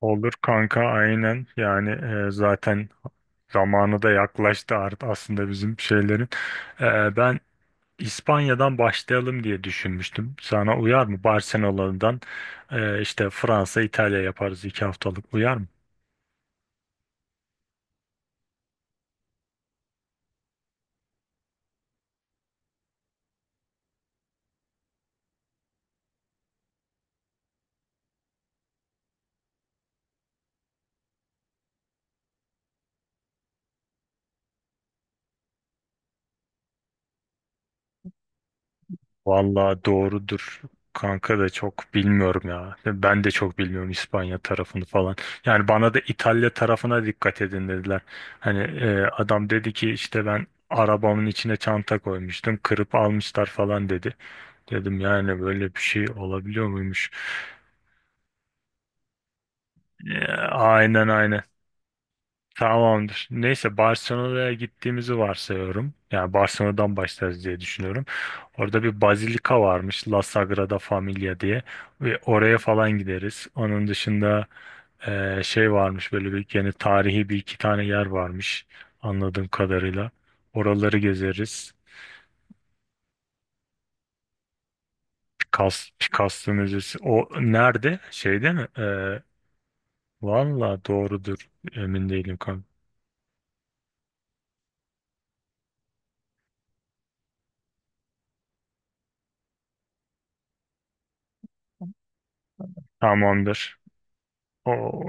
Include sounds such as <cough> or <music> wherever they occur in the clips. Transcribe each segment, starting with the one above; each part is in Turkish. Olur kanka aynen yani zaten zamanı da yaklaştı artık aslında bizim şeylerin. Ben İspanya'dan başlayalım diye düşünmüştüm. Sana uyar mı? Barcelona'dan işte Fransa, İtalya yaparız iki haftalık uyar mı? Vallahi doğrudur. Kanka da çok bilmiyorum ya. Ben de çok bilmiyorum İspanya tarafını falan. Yani bana da İtalya tarafına dikkat edin dediler. Hani adam dedi ki işte ben arabamın içine çanta koymuştum. Kırıp almışlar falan dedi. Dedim yani böyle bir şey olabiliyor muymuş? E, aynen aynen. Tamamdır. Neyse Barcelona'ya gittiğimizi varsayıyorum. Yani Barcelona'dan başlarız diye düşünüyorum. Orada bir bazilika varmış La Sagrada Familia diye. Ve oraya falan gideriz. Onun dışında şey varmış böyle bir yani tarihi bir iki tane yer varmış anladığım kadarıyla. Oraları gezeriz. Picasso, Picasso Müzesi. O nerede? Şeyde mi? Valla doğrudur. Emin değilim kanka. Tamamdır. O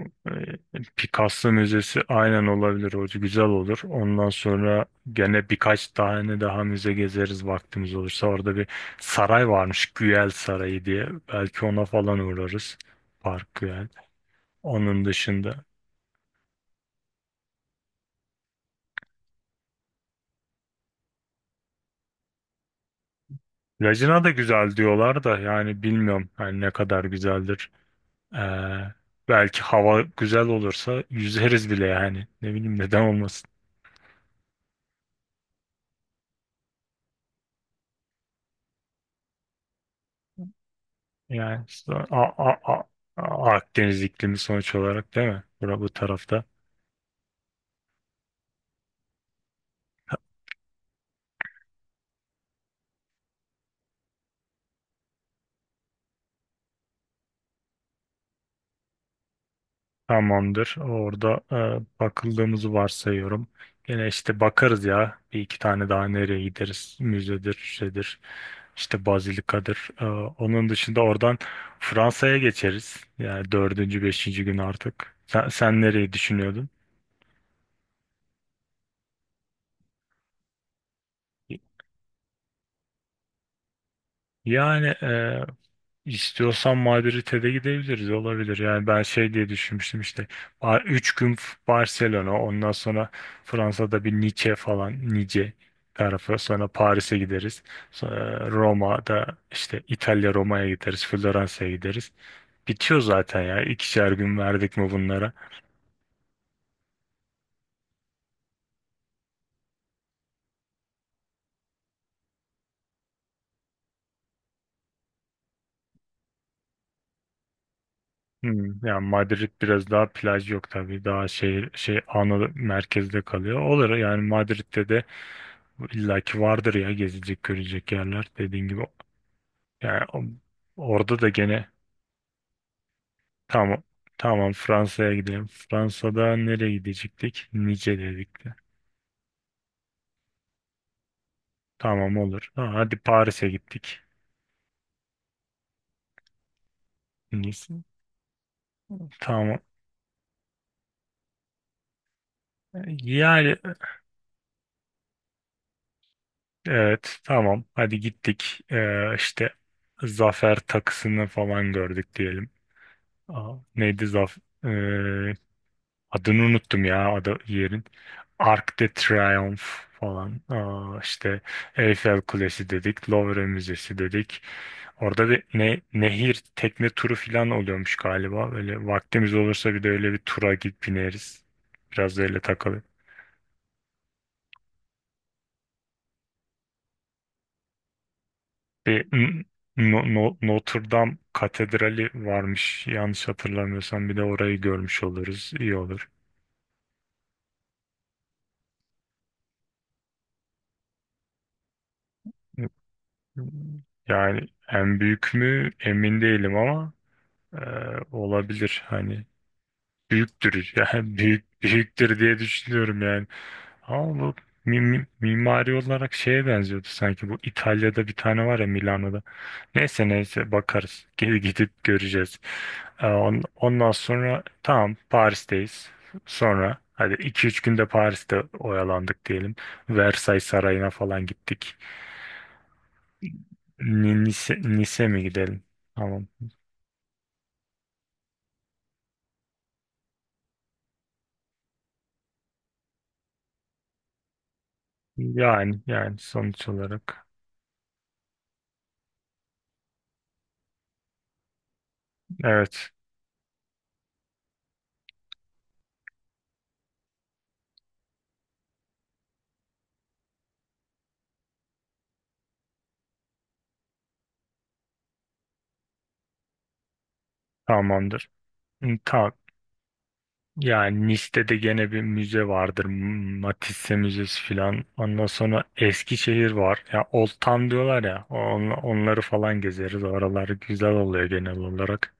Picasso Müzesi aynen olabilir hoca güzel olur. Ondan sonra gene birkaç tane daha müze gezeriz vaktimiz olursa. Orada bir saray varmış Güel Sarayı diye. Belki ona falan uğrarız. Park Güell. Onun dışında. Lacina da güzel diyorlar da yani bilmiyorum yani ne kadar güzeldir. Ee, Belki hava güzel olursa yüzeriz bile yani. Ne bileyim neden olmasın. Yani işte Akdeniz iklimi sonuç olarak değil mi? Bura bu tarafta. Tamamdır. Orada bakıldığımızı varsayıyorum. Gene işte bakarız ya. Bir iki tane daha nereye gideriz? Müzedir, şeydir, işte Bazilika'dır. Onun dışında oradan Fransa'ya geçeriz. Yani dördüncü, beşinci gün artık. Sen nereyi düşünüyordun? Yani İstiyorsan Madrid'e de gidebiliriz olabilir. Yani ben şey diye düşünmüştüm işte 3 gün Barcelona ondan sonra Fransa'da bir Nice falan Nice tarafı sonra Paris'e gideriz. Sonra Roma'da işte İtalya Roma'ya gideriz Floransa'ya gideriz. Bitiyor zaten ya ikişer gün verdik mi bunlara. Hmm, yani Madrid biraz daha plaj yok tabii daha şehir şey ana merkezde kalıyor. Olur yani Madrid'de de illaki vardır ya gezilecek görecek yerler dediğin gibi. Yani orada da gene tamam, tamam Fransa'ya gidelim. Fransa'da nereye gidecektik? Nice dedik de. Tamam olur. Ha, hadi Paris'e gittik. Nice. Tamam. Yani evet tamam. Hadi gittik. İşte zafer takısını falan gördük diyelim. Aa, neydi zaf? ee, Adını unuttum ya ada yerin. Arc de Triomphe falan. Aa, işte Eiffel Kulesi dedik. Louvre Müzesi dedik. Orada bir nehir tekne turu falan oluyormuş galiba. Böyle vaktimiz olursa bir de öyle bir tura gidip bineriz. Biraz da öyle takılır. Bir N- No- No- Notre Dame Katedrali varmış. Yanlış hatırlamıyorsam bir de orayı görmüş oluruz. İyi olur. Yani en büyük mü emin değilim ama. Ee, Olabilir hani büyüktür yani <laughs> büyük büyüktür diye düşünüyorum yani, ama bu mimari olarak şeye benziyordu sanki bu İtalya'da bir tane var ya Milano'da. Neyse neyse bakarız. <laughs> Gidip göreceğiz. Ondan sonra tamam Paris'teyiz sonra hadi iki üç günde Paris'te oyalandık diyelim, Versailles Sarayı'na falan gittik. Nice mi gidelim tamam yani, yani sonuç olarak evet. Tamamdır. Hı, tamam. Yani Nice'de de gene bir müze vardır. Matisse Müzesi filan. Ondan sonra Eskişehir var. Ya Old Town diyorlar ya. Onları falan gezeriz. Oralar güzel oluyor genel olarak.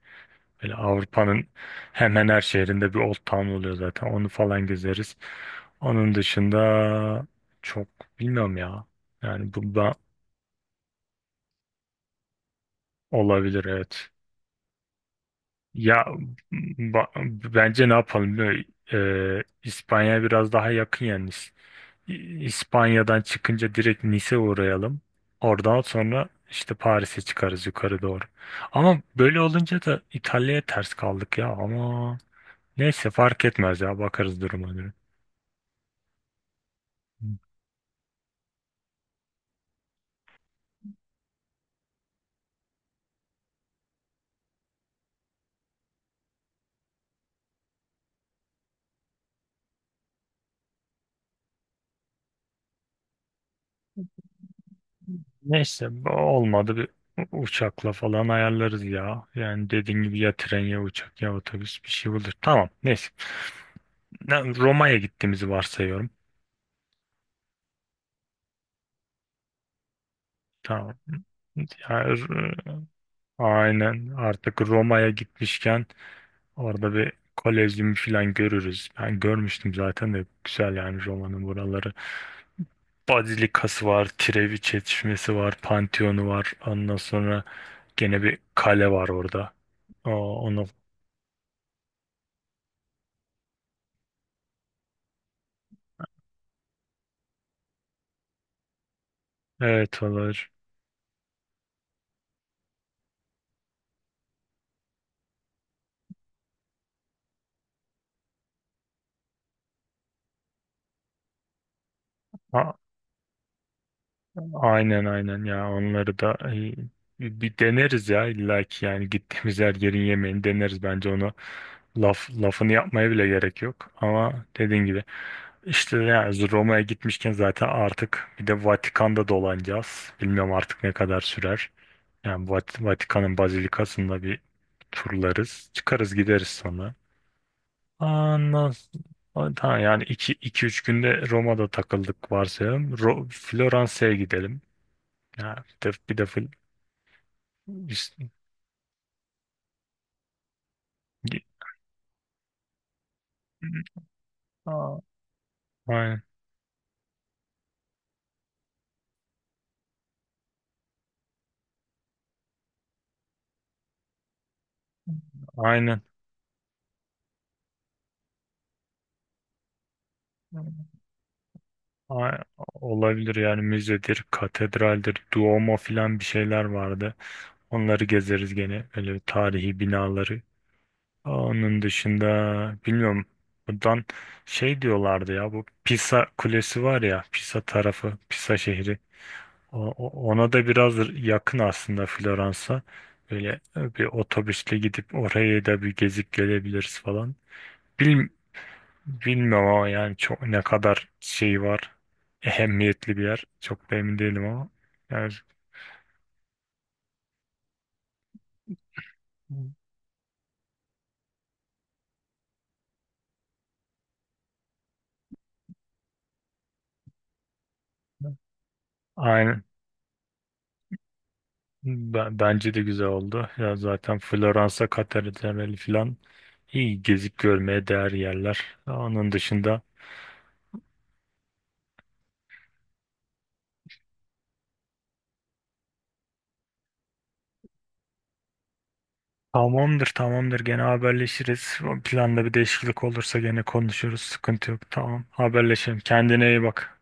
Böyle Avrupa'nın hemen her şehrinde bir Old Town oluyor zaten. Onu falan gezeriz. Onun dışında çok bilmiyorum ya. Yani bu da olabilir evet. Ya ba- bence ne yapalım biliyor musun? İspanya biraz daha yakın yani. İspanya'dan çıkınca direkt Nice uğrayalım. Oradan sonra işte Paris'e çıkarız yukarı doğru. Ama böyle olunca da İtalya'ya ters kaldık ya. Ama neyse fark etmez ya bakarız duruma göre. Neyse olmadı bir uçakla falan ayarlarız ya. Yani dediğin gibi ya tren ya uçak ya otobüs bir şey olur. Tamam neyse. Roma'ya gittiğimizi varsayıyorum. Tamam. Ya, r- aynen artık Roma'ya gitmişken orada bir kolezyum falan görürüz. Ben görmüştüm zaten de güzel yani Roma'nın buraları. Bazilikası var, Trevi çeşmesi var, Pantheon'u var. Ondan sonra gene bir kale var orada. O, Onu evet olur. A- aynen aynen ya onları da bir deneriz ya illa ki yani gittiğimiz her yerin yemeğini deneriz bence onu. Lafını yapmaya bile gerek yok. Ama dediğin gibi işte yani Roma'ya gitmişken zaten artık bir de Vatikan'da dolanacağız. Bilmiyorum artık ne kadar sürer. Yani Vatikan'ın bazilikasında bir turlarız. Çıkarız gideriz sonra. Ondan s- Tamam yani 2-3 günde Roma'da takıldık varsayalım. Floransa'ya gidelim. Yani bir de işte- Aa, aynen. Aynen. A- Olabilir yani müzedir, katedraldir, Duomo filan bir şeyler vardı. Onları gezeriz gene öyle tarihi binaları. Onun dışında bilmiyorum buradan şey diyorlardı ya bu Pisa Kulesi var ya Pisa tarafı, Pisa şehri. Ona da biraz yakın aslında Floransa. Böyle bir otobüsle gidip oraya da bir gezip gelebiliriz falan. Bil, Bilmiyorum ama yani çok ne kadar şey var. Ehemmiyetli bir yer. Çok da emin değilim ama. Yani aynen. Bence de güzel oldu. Ya zaten Floransa, Katedrali falan iyi gezip görmeye değer yerler. Onun dışında tamamdır, tamamdır gene haberleşiriz. O planda bir değişiklik olursa gene konuşuruz. Sıkıntı yok. Tamam haberleşelim. Kendine iyi bak.